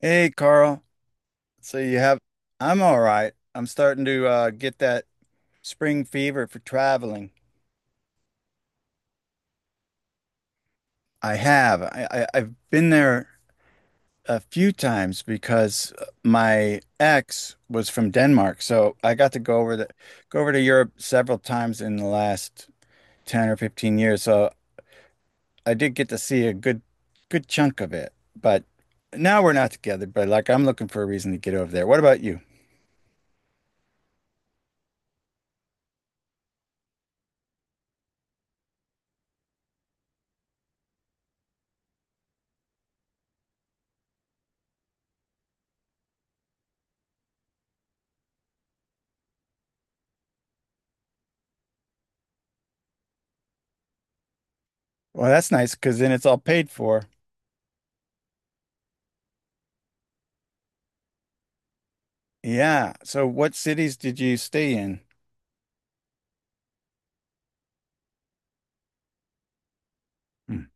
Hey, Carl. So you have, I'm all right. I'm starting to get that spring fever for traveling. I have. I've been there a few times because my ex was from Denmark. So I got to go over go over to Europe several times in the last 10 or 15 years. So I did get to see a good chunk of it. But now we're not together, but like I'm looking for a reason to get over there. What about you? Well, that's nice because then it's all paid for. Yeah. So what cities did you stay in? Mm.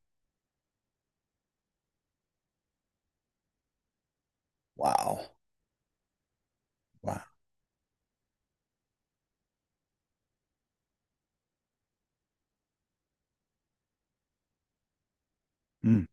Wow. Wow. Mm.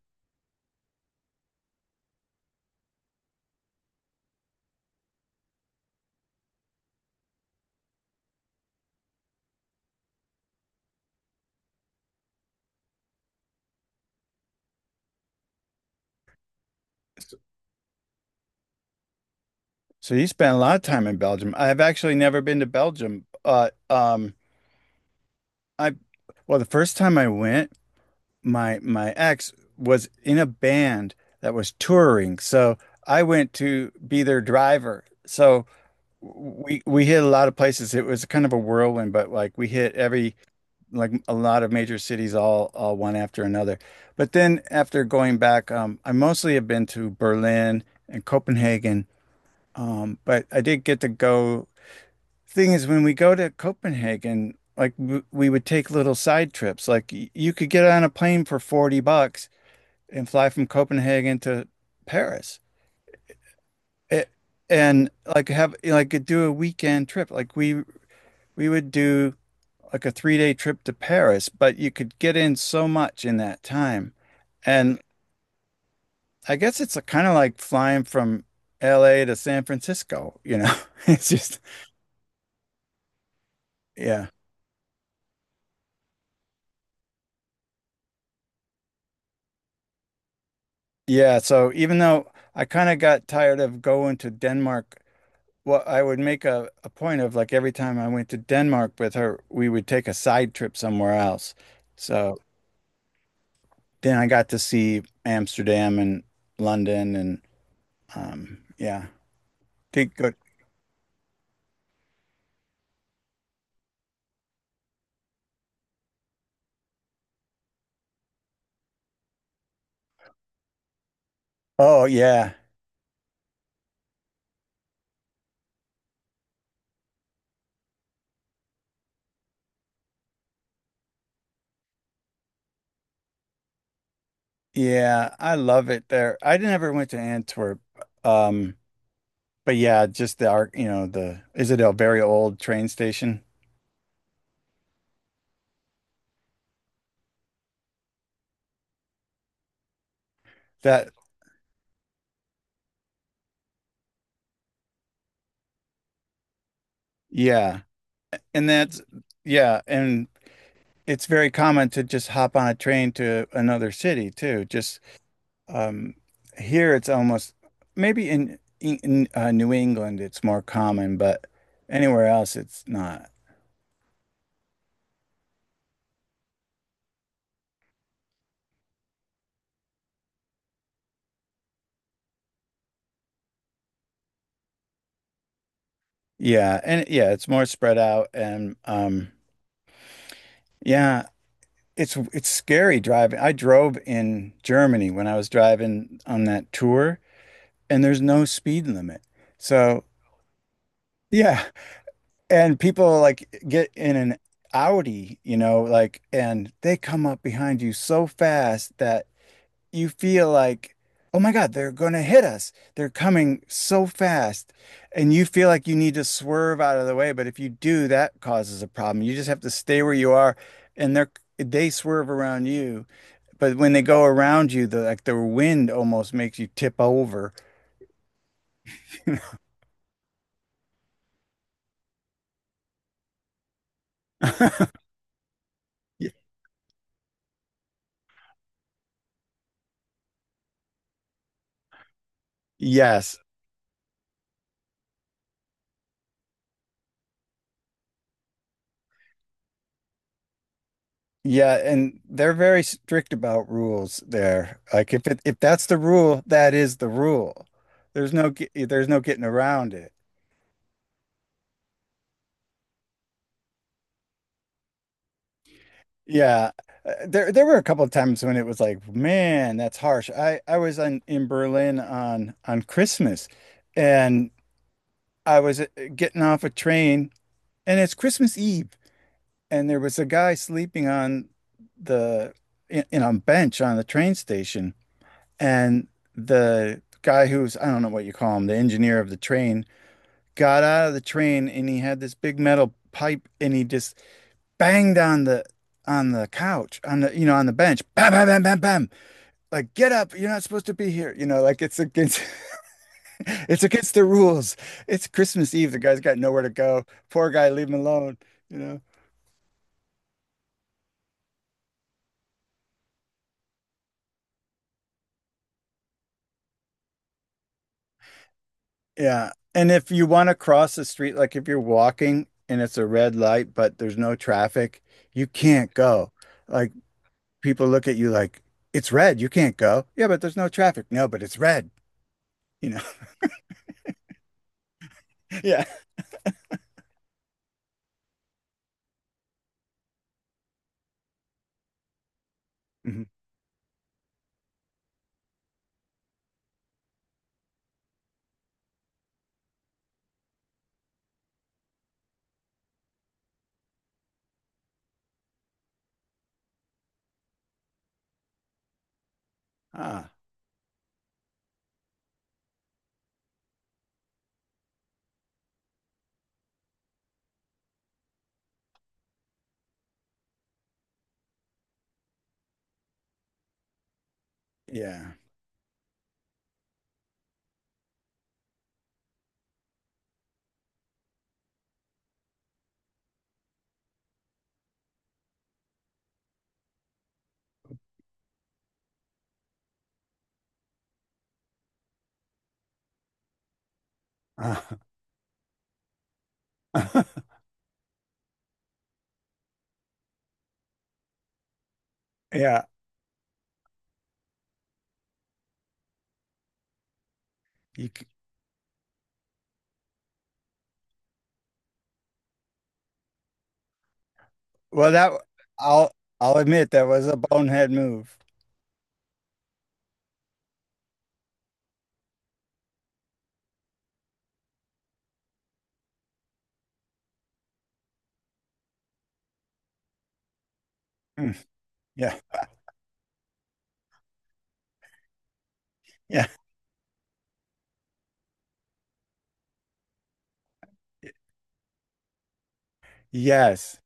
So, so you spent a lot of time in Belgium. I've actually never been to Belgium. I, well, the first time I went, my ex was in a band that was touring. So I went to be their driver. So we hit a lot of places. It was kind of a whirlwind, but like we hit every like a lot of major cities all one after another. But then after going back, I mostly have been to Berlin and Copenhagen. But I did get to go. Thing is, when we go to Copenhagen, like w we would take little side trips. Like y you could get on a plane for $40 and fly from Copenhagen to Paris. It, and Like have like do a weekend trip. Like we would do like a 3 day trip to Paris, but you could get in so much in that time. And I guess it's kind of like flying from LA to San Francisco, you know? It's just, yeah. Yeah. So even though I kind of got tired of going to Denmark, well, I would make a point of like every time I went to Denmark with her, we would take a side trip somewhere else. So then I got to see Amsterdam and London and yeah, did good. Oh yeah. Yeah, I love it there. I never went to Antwerp. Um, but yeah, just the art, you know, the is it a very old train station? That yeah. And that's yeah, and it's very common to just hop on a train to another city too. Just um here it's almost maybe in New England it's more common, but anywhere else it's not. Yeah, it's more spread out and yeah, it's scary driving. I drove in Germany when I was driving on that tour, and there's no speed limit. So, yeah, and people like get in an Audi, you know, like and they come up behind you so fast that you feel like, "Oh my God, they're going to hit us. They're coming so fast." And you feel like you need to swerve out of the way, but if you do, that causes a problem. You just have to stay where you are and they're they swerve around you but when they go around you, the like the wind almost makes you tip over. Y- Yes. Yeah, and they're very strict about rules there. Like if that's the rule, that is the rule. There's no getting around it. Yeah. There were a couple of times when it was like, man, that's harsh. I was on in Berlin on Christmas and I was getting off a train and it's Christmas Eve and there was a guy sleeping on the in a bench on the train station and the guy who's I don't know what you call him the engineer of the train got out of the train and he had this big metal pipe and he just banged on the couch on the on the bench bam bam bam bam bam like get up you're not supposed to be here you know like it's against it's against the rules it's Christmas Eve the guy's got nowhere to go poor guy leave him alone you know. Yeah. And if you want to cross the street, like if you're walking and it's a red light, but there's no traffic, you can't go. Like people look at you like, it's red, you can't go. Yeah, but there's no traffic. No, but it's red, you know. Yeah. Mhm. Ah, yeah. Ah. Yeah. You, c- well, that I'll admit that was a bonehead move. Mm, yeah. Yeah. Yes.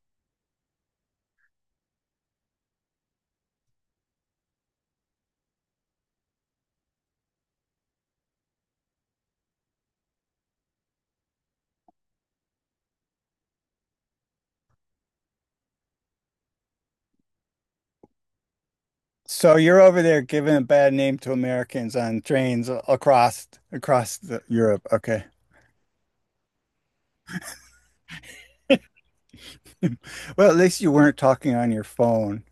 So you're over there giving a bad name to Americans on trains across the, Europe. Okay. Well, at least you weren't talking on your phone,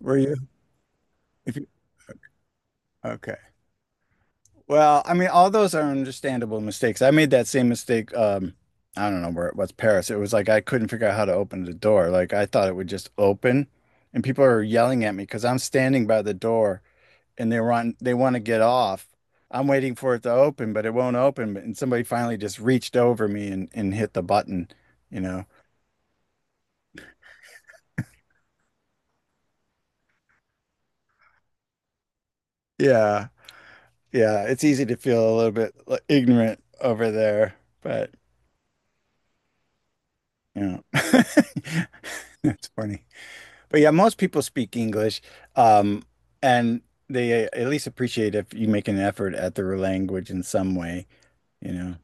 were you? If you, okay. Well, I mean, all those are understandable mistakes. I made that same mistake. I don't know where it was, Paris. It was like I couldn't figure out how to open the door. Like I thought it would just open, and people are yelling at me because I'm standing by the door. And they want to get off. I'm waiting for it to open, but it won't open. And somebody finally just reached over me and hit the button, you know. Yeah. Yeah. It's easy to feel a little bit like, ignorant over there, but you know, it's funny. But yeah, most people speak English, um, and they at least appreciate if you make an effort at their language in some way, you know.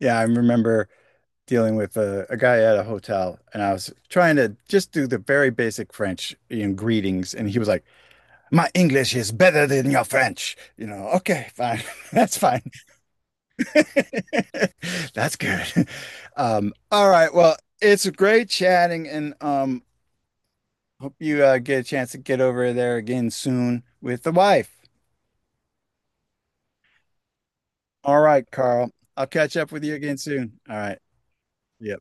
Yeah, I remember dealing with a guy at a hotel, and I was trying to just do the very basic French you know, greetings, and he was like, "My English is better than your French." You know, okay, fine, that's fine, that's good. All right, well, it's great chatting, and hope you get a chance to get over there again soon with the wife. All right, Carl, I'll catch up with you again soon. All right, yeah.